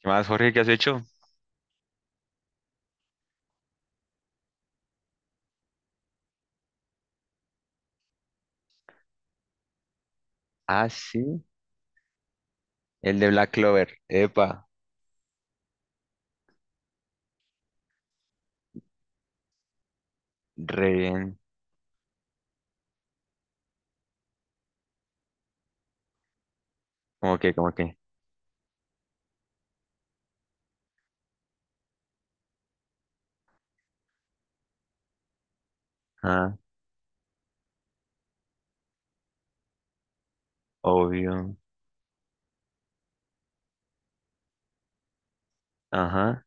¿Qué más, Jorge? ¿Qué has hecho? Ah, sí, el de Black Clover. Epa, re bien. ¿Cómo que, cómo que? Ah, obvio. Ajá.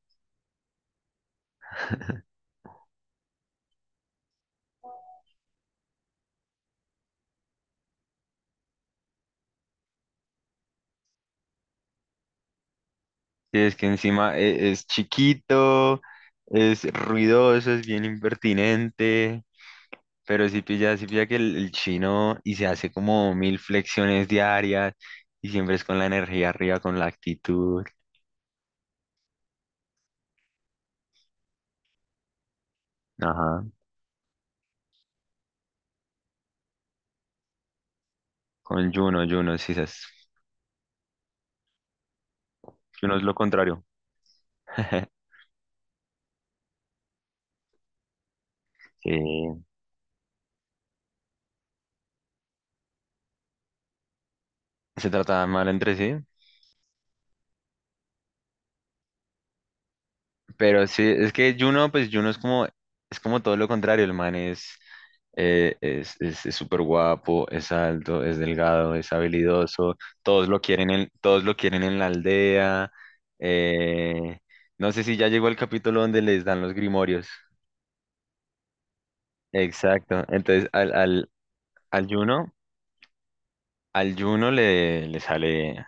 Sí, es que encima es chiquito, es ruidoso, es bien impertinente, pero sí pilla que el chino y se hace como mil flexiones diarias y siempre es con la energía arriba, con la actitud. Ajá. Con Juno, sí, es, Juno es lo contrario. Sí, se trataban mal entre sí. Pero sí, es que Juno, pues Juno es como todo lo contrario, el man es, es súper guapo, es alto, es delgado, es habilidoso, todos lo quieren en la aldea. Eh, no sé si ya llegó el capítulo donde les dan los grimorios. Exacto. Entonces al Juno, al Juno le sale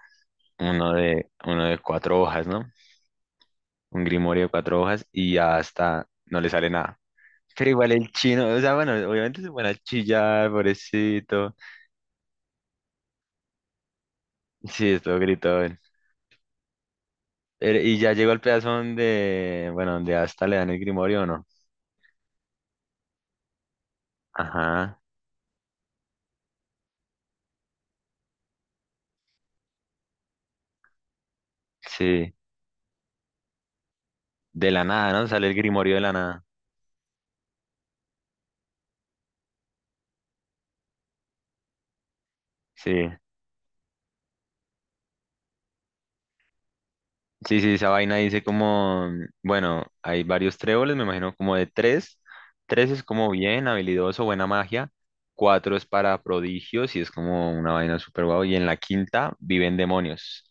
uno de cuatro hojas, ¿no? Un grimorio de cuatro hojas y hasta no le sale nada. Pero igual el chino, o sea, bueno, obviamente se pone a chillar, pobrecito. Sí, estuvo gritón. Y ya llegó al pedazo donde, bueno, donde hasta le dan el grimorio, ¿o ¿no? Ajá, sí. De la nada, ¿no? Sale el grimorio de la nada. Sí. Sí, sí, esa vaina dice como, bueno, hay varios tréboles, me imagino como de tres. Tres es como bien habilidoso, buena magia. Cuatro es para prodigios y es como una vaina súper guau. Y en la quinta viven demonios.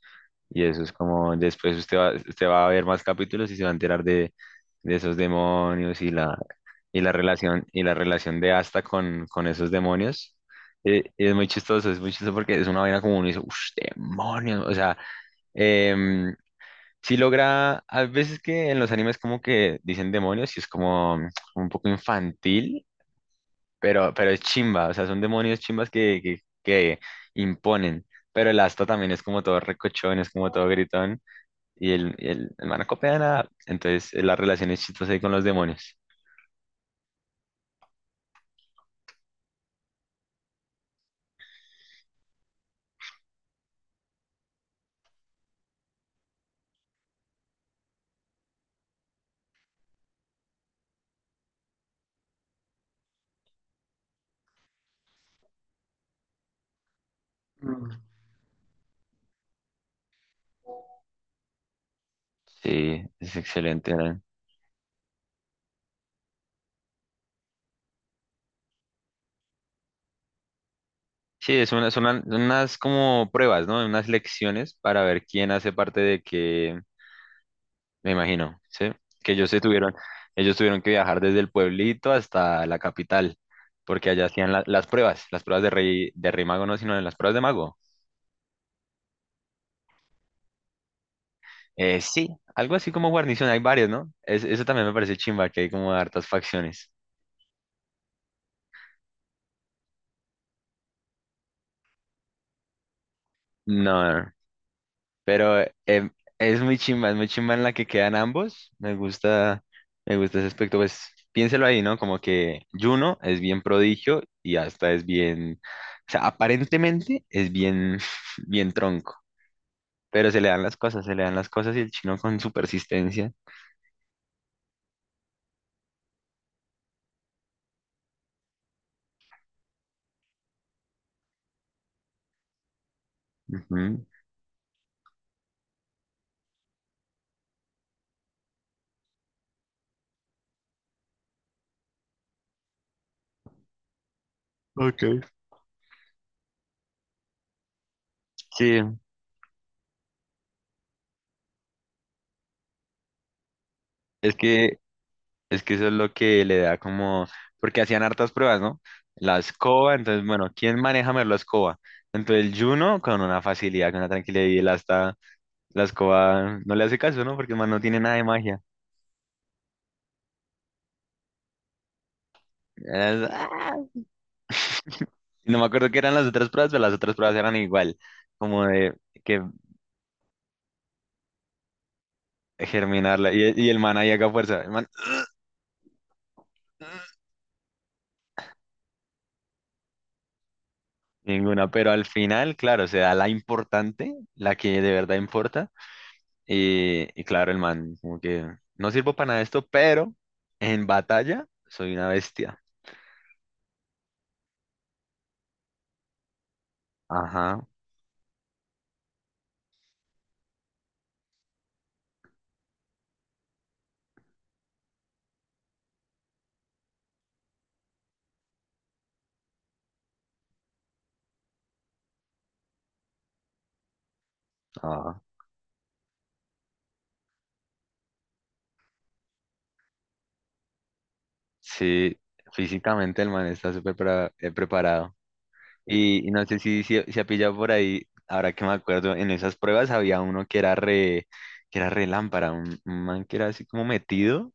Y eso es como, después usted va a ver más capítulos y se va a enterar de esos demonios y la, y la relación de Asta con esos demonios. Es muy chistoso porque es una vaina como uno dice, uff, demonios, o sea em, sí logra, a veces que en los animes como que dicen demonios y es como un poco infantil, pero es chimba, o sea, son demonios chimbas que imponen, pero el Asta también es como todo recochón, es como todo gritón y el man no copia nada, entonces la relación es chistosa ahí con los demonios. Sí, es excelente, ¿no? Sí, es una, son unas como pruebas, ¿no? Unas lecciones para ver quién hace parte de qué, me imagino, ¿sí? Que ellos se tuvieron, ellos tuvieron que viajar desde el pueblito hasta la capital, porque allá hacían las pruebas de rey mago no, sino de las pruebas de mago. Sí, algo así como guarnición, hay varios, ¿no? Eso también me parece chimba, que hay como hartas facciones. No, no, no. Pero es muy chimba en la que quedan ambos. Me gusta ese aspecto. Pues piénselo ahí, ¿no? Como que Juno es bien prodigio y hasta es bien, o sea, aparentemente es bien, bien tronco. Pero se le dan las cosas, se le dan las cosas y el chino con su persistencia. Ujú. Ok. Sí, es que es que eso es lo que le da como, porque hacían hartas pruebas, ¿no? La escoba, entonces, bueno, ¿quién maneja mejor la escoba? Entonces, Juno con una facilidad, con una tranquilidad, y él hasta la escoba no le hace caso, ¿no? Porque man, no tiene nada de magia. ¡Ah! No me acuerdo qué eran las otras pruebas, pero las otras pruebas eran igual, como de que germinarla. Y el man ahí haga fuerza, el man, ninguna, pero al final, claro, se da la importante, la que de verdad importa. Y claro, el man, como que no sirvo para nada de esto, pero en batalla soy una bestia. Ajá, ajá. Sí, físicamente el man está preparado. Y no sé si, si ha pillado por ahí, ahora que me acuerdo, en esas pruebas había uno que era re lámpara, un man que era así como metido.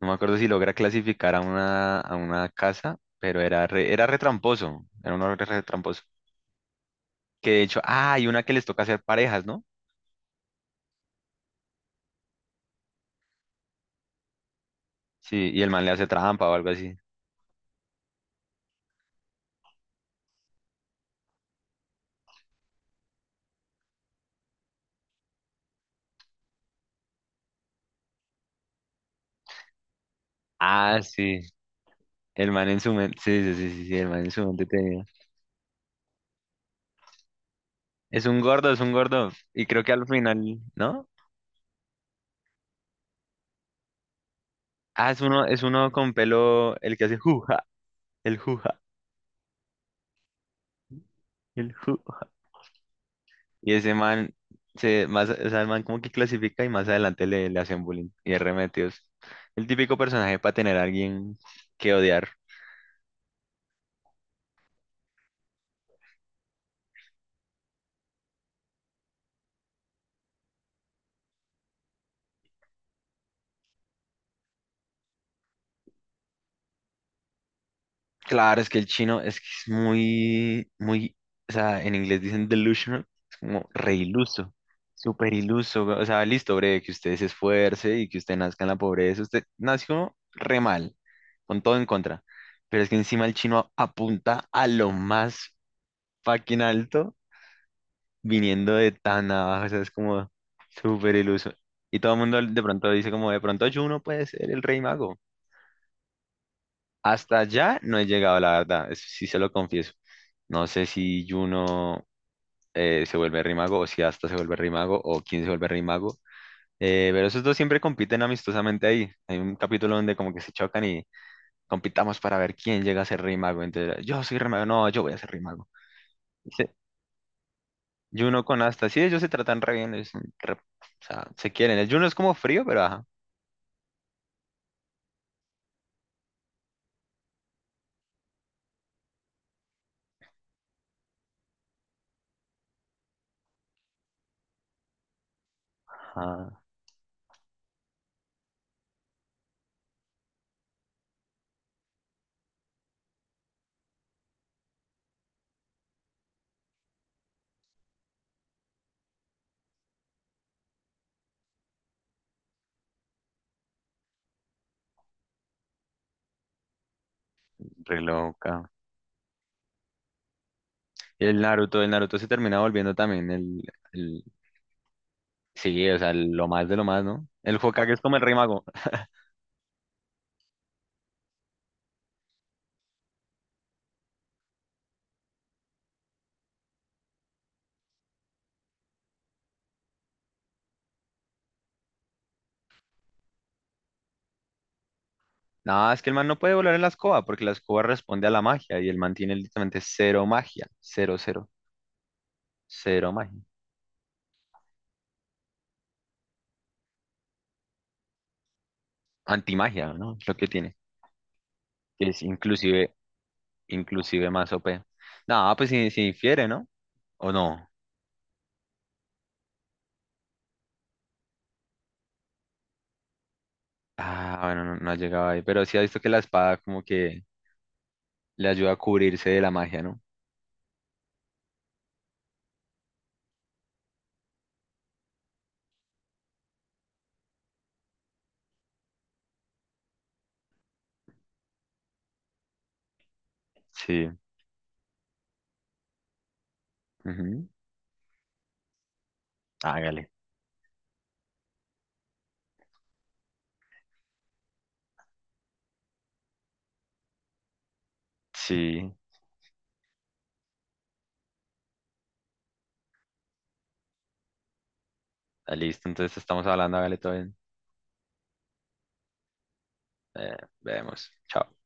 No me acuerdo si logra clasificar a una casa, pero era re tramposo, era uno re, re tramposo. Que de hecho, ah, hay una que les toca hacer parejas, ¿no? Sí, y el man le hace trampa o algo así. Ah, sí. El man en su mente. Sí, sí, sí, sí, sí, el man en su mente tenía. Es un gordo, es un gordo. Y creo que al final, ¿no? Ah, es uno con pelo, el que hace juja, el juja, el juja. Y ese man, se, más, o sea, el man como que clasifica y más adelante le hacen bullying y es remetidos. El típico personaje para tener a alguien que odiar. Claro, es que el chino es que es muy, muy, o sea, en inglés dicen delusional, es como re iluso, súper iluso, o sea, listo, breve, que usted se esfuerce y que usted nazca en la pobreza, usted nació re mal, con todo en contra, pero es que encima el chino apunta a lo más fucking alto, viniendo de tan abajo, o sea, es como súper iluso, y todo el mundo de pronto dice como, de pronto Juno puede ser el rey mago. Hasta allá no he llegado, la verdad, eso sí se lo confieso. No sé si Juno se vuelve Rimago o si Asta se vuelve Rimago o quién se vuelve Rimago. Pero esos dos siempre compiten amistosamente ahí. Hay un capítulo donde como que se chocan y compitamos para ver quién llega a ser Rimago. Entonces, yo soy Rimago, no, yo voy a ser Rimago. Sí, Juno con Asta, sí, ellos se tratan re bien, es un o sea, se quieren. El Juno es como frío, pero ajá. Ajá, re loca. Y el Naruto, el Naruto se termina volviendo también el. Sí, o sea, lo más de lo más, ¿no? El Hokage es como el Rey Mago. Nada, es que el man no puede volar en la escoba porque la escoba responde a la magia y el man tiene literalmente cero magia. Cero, cero. Cero magia. Antimagia, ¿no? Es lo que tiene. Que es inclusive, inclusive más OP. No pues si, si infiere, ¿no? ¿O no? Ah, bueno, no, no ha llegado ahí. Pero sí ha visto que la espada como que le ayuda a cubrirse de la magia, ¿no? Sí. Ujú. Hágale. Sí. Ah, listo, entonces estamos hablando, hágale todo bien. Vemos. Chao.